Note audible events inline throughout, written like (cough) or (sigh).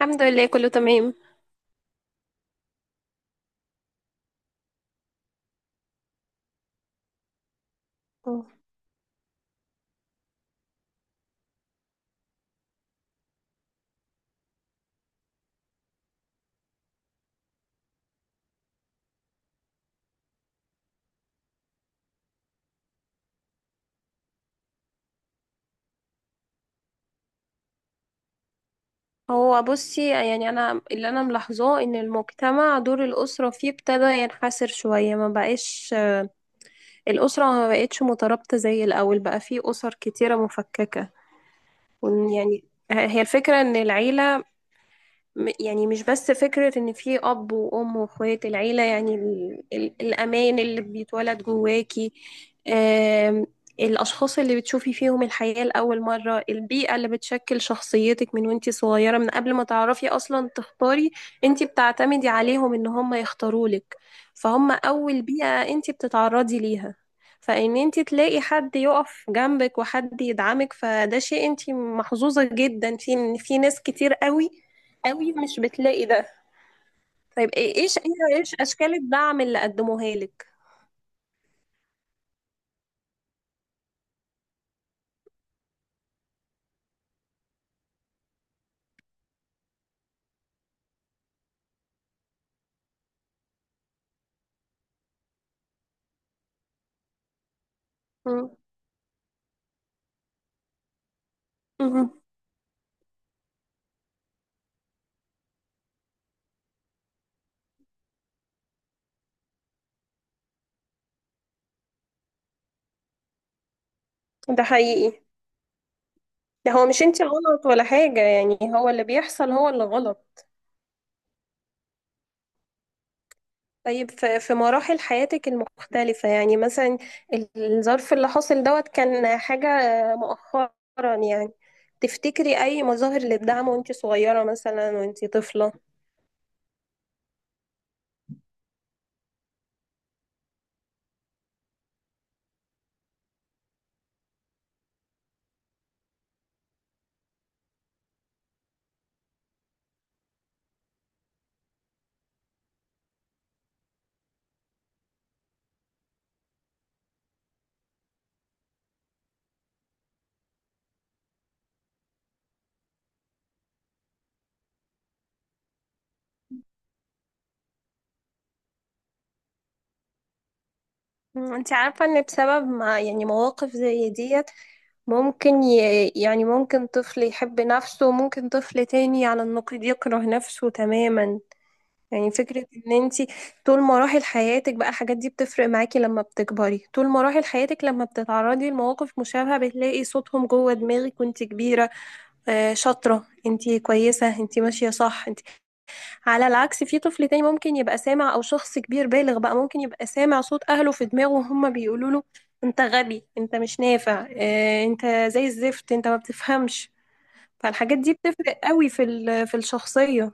الحمد لله كله تمام. مم. هو بصي، يعني انا اللي انا ملاحظاه ان المجتمع دور الاسره فيه ابتدى ينحسر شويه. ما بقاش الاسره ما بقتش مترابطه زي الاول، بقى فيه اسر كتيره مفككه. وإن يعني هي الفكره ان العيله، يعني مش بس فكرة ان في اب وام واخوات، العيلة يعني الامان اللي بيتولد جواكي. آم، الاشخاص اللي بتشوفي فيهم الحياة لأول مرة، البيئة اللي بتشكل شخصيتك من وانتي صغيرة، من قبل ما تعرفي اصلا تختاري. انتي بتعتمدي عليهم ان هم يختارولك. فهم اول بيئة انتي بتتعرضي ليها. فان انتي تلاقي حد يقف جنبك وحد يدعمك فده شيء انتي محظوظة جدا في. في ناس كتير قوي قوي مش بتلاقي ده. طيب ايش اشكال الدعم اللي قدموها لك؟ مم. مم. ده حقيقي. ده هو مش انت غلط ولا حاجة، يعني هو اللي بيحصل هو اللي غلط. طيب في مراحل حياتك المختلفة، يعني مثلا الظرف اللي حصل دوت كان حاجة مؤخرا يعني. تفتكري أي مظاهر للدعم وانت صغيرة، مثلا وانت طفلة؟ مم. انت عارفة ان بسبب ما يعني مواقف زي ديت ممكن يعني ممكن طفل يحب نفسه وممكن طفل تاني على النقيض يكره نفسه تماما. يعني فكرة ان انتي طول مراحل حياتك بقى الحاجات دي بتفرق معاكي لما بتكبري. طول مراحل حياتك لما بتتعرضي لمواقف مشابهة بتلاقي صوتهم جوه دماغك وانتي كبيرة. آه شاطرة انتي، كويسة انتي، ماشية صح انتي. على العكس في طفل تاني ممكن يبقى سامع، او شخص كبير بالغ بقى ممكن يبقى سامع صوت اهله في دماغه وهم بيقولوا له: انت غبي، انت مش نافع، اه انت زي الزفت، انت ما بتفهمش. فالحاجات دي بتفرق قوي في في الشخصية.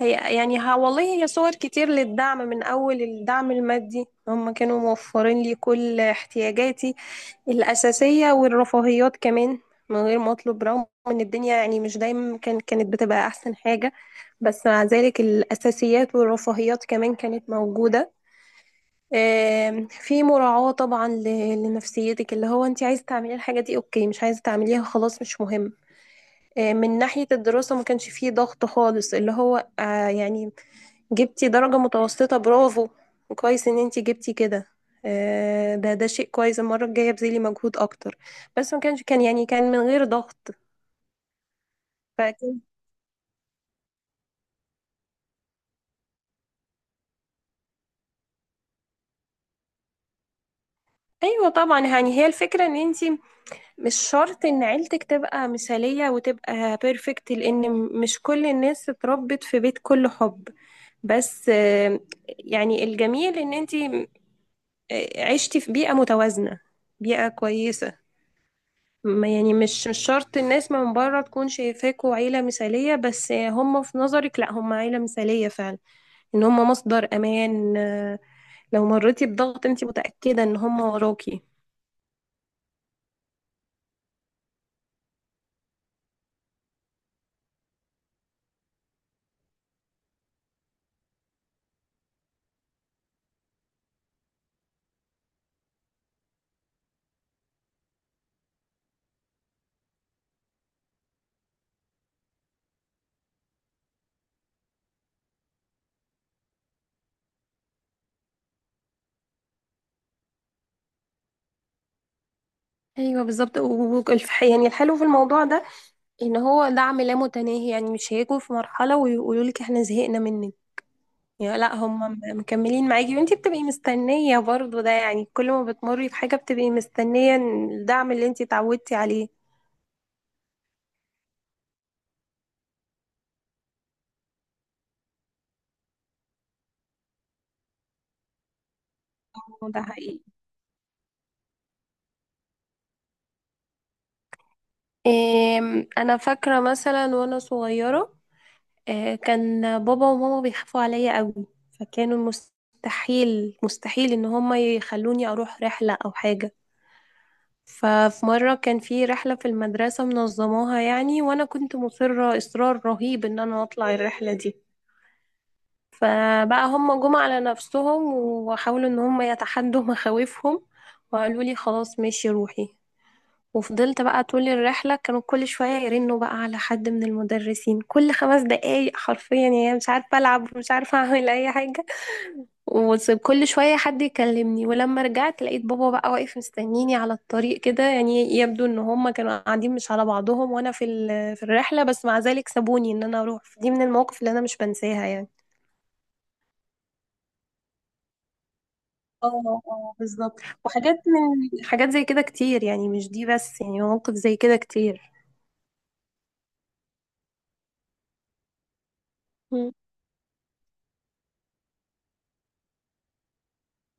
هي يعني ها والله هي صور كتير للدعم. من أول الدعم المادي، هم كانوا موفرين لي كل احتياجاتي الأساسية والرفاهيات كمان من غير ما أطلب. رغم إن الدنيا يعني مش دايما كانت بتبقى أحسن حاجة، بس مع ذلك الأساسيات والرفاهيات كمان كانت موجودة. في مراعاة طبعا لنفسيتك، اللي هو أنت عايزة تعملي الحاجة دي أوكي، مش عايزة تعمليها خلاص مش مهم. من ناحية الدراسة ما كانش فيه ضغط خالص، اللي هو يعني جبتي درجة متوسطة برافو، وكويس ان انتي جبتي كده. ده شيء كويس، المرة الجاية بذلي مجهود اكتر. بس ما كانش، كان يعني كان من غير ضغط. فكان، ايوه طبعا يعني هي الفكرة ان انتي مش شرط ان عيلتك تبقى مثالية وتبقى بيرفكت. لان مش كل الناس اتربت في بيت كله حب. بس يعني الجميل ان انتي عشتي في بيئة متوازنة، بيئة كويسة. يعني مش شرط الناس من بره تكون شايفاكوا عيلة مثالية، بس هم في نظرك لا، هم عيلة مثالية فعلا. ان هم مصدر امان. لو مريتي بضغط انت متأكدة ان هم وراكي. ايوه بالظبط. يعني الحلو في الموضوع ده ان هو دعم لا متناهي، يعني مش هيجوا في مرحلة ويقولوا لك احنا زهقنا منك. يعني لا، هم مكملين معاكي وانتي بتبقي مستنية برضو. ده يعني كل ما بتمري بحاجة بتبقي مستنية الدعم اللي انتي اتعودتي عليه. ده حقيقي. انا فاكره مثلا وانا صغيره، كان بابا وماما بيخافوا عليا قوي. فكانوا مستحيل مستحيل ان هم يخلوني اروح رحله او حاجه. ففي مره كان في رحله في المدرسه منظماها يعني، وانا كنت مصره اصرار رهيب ان انا اطلع الرحله دي. فبقى هم جم على نفسهم وحاولوا ان هم يتحدوا مخاوفهم، وقالوا لي خلاص ماشي روحي. وفضلت بقى طول الرحلة كانوا كل شوية يرنوا بقى على حد من المدرسين، كل 5 دقايق حرفيا. يعني مش عارفة ألعب ومش عارفة أعمل أي حاجة، وكل شوية حد يكلمني. ولما رجعت لقيت بابا بقى واقف مستنيني على الطريق كده. يعني يبدو إن هما كانوا قاعدين مش على بعضهم وأنا في في الرحلة، بس مع ذلك سابوني إن أنا أروح. دي من المواقف اللي أنا مش بنساها يعني. اه اه بالظبط، وحاجات من حاجات زي كده كتير، يعني مش دي بس، يعني مواقف زي كده كتير. مم.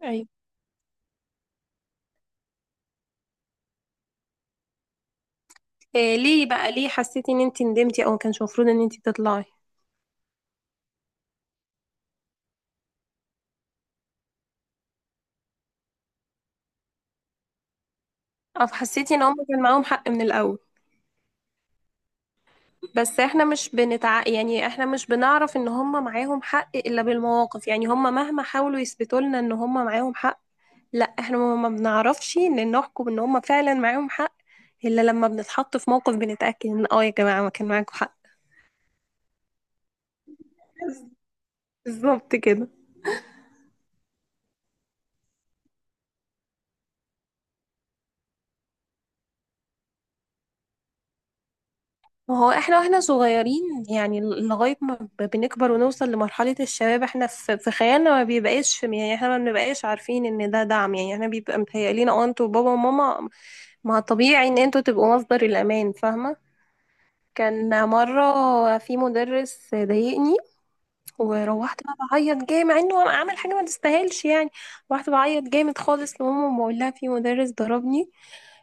أيوة. إيه ليه بقى، ليه حسيتي ان انت ندمتي او ما كانش المفروض ان انت تطلعي؟ او حسيتي ان هم كان معاهم حق من الاول. بس احنا مش بنتع يعني، احنا مش بنعرف ان هم معاهم حق الا بالمواقف. يعني هم مهما حاولوا يثبتوا لنا ان هم معاهم حق، لا احنا ما بنعرفش ان نحكم ان هم فعلا معاهم حق الا لما بنتحط في موقف بنتأكد ان اه يا جماعة ما كان معاكم حق. (laughs) بالظبط كده. ما هو احنا واحنا صغيرين، يعني لغاية ما بنكبر ونوصل لمرحلة الشباب، احنا في, في خيالنا ما بيبقاش في، يعني احنا ما بنبقاش عارفين ان ده دعم. يعني احنا بيبقى متهيألينا اه انتوا بابا وماما، ما طبيعي ان انتوا تبقوا مصدر الامان، فاهمة. كان مرة في مدرس ضايقني، وروحت بقى بعيط جامد مع انه انا عامل حاجه ما تستاهلش يعني. روحت بعيط جامد خالص لماما، بقول لها في مدرس ضربني.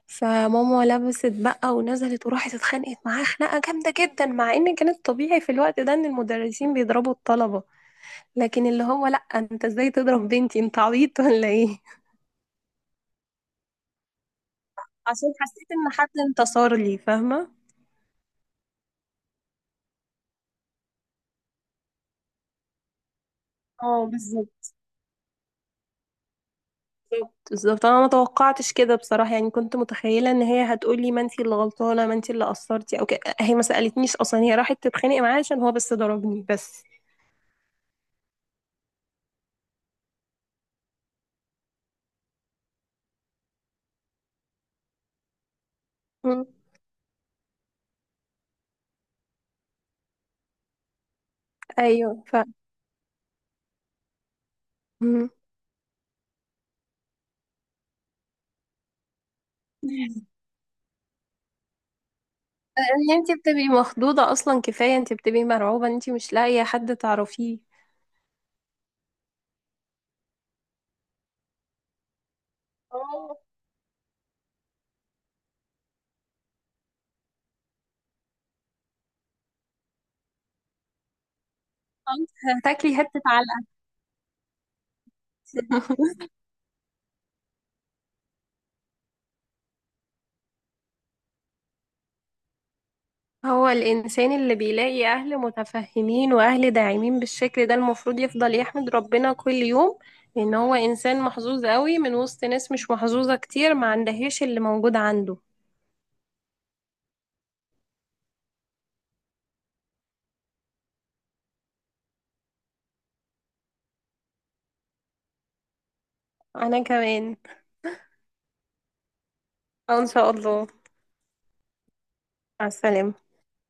فماما لبست بقى ونزلت وراحت اتخانقت معاه خناقه جامده جدا. مع ان كانت طبيعي في الوقت ده ان المدرسين بيضربوا الطلبه، لكن اللي هو لا انت ازاي تضرب بنتي، انت عبيط ولا ايه؟ (laughs) عشان حسيت ان حد انتصر لي، فاهمه. اه بالظبط بالظبط بالظبط. انا ما توقعتش كده بصراحه، يعني كنت متخيله ان هي هتقولي ما انتي اللي غلطانه، ما انتي اللي قصرتي او كده. هي ما سالتنيش اصلا، هي راحت تتخانق معاه عشان هو بس ضربني بس. مم. ايوه ف. مم. انت بتبقي مخضوضة اصلا، كفاية انت بتبقي مرعوبة انت مش لاقية حد تعرفيه. اه انت هتاكلي حتة علقة. هو الإنسان اللي بيلاقي أهل متفهمين وأهل داعمين بالشكل ده المفروض يفضل يحمد ربنا كل يوم إن هو إنسان محظوظ قوي، من وسط ناس مش محظوظة كتير ما عندهاش اللي موجود عنده. أنا كمان. آه، إن شاء الله. مع السلامة.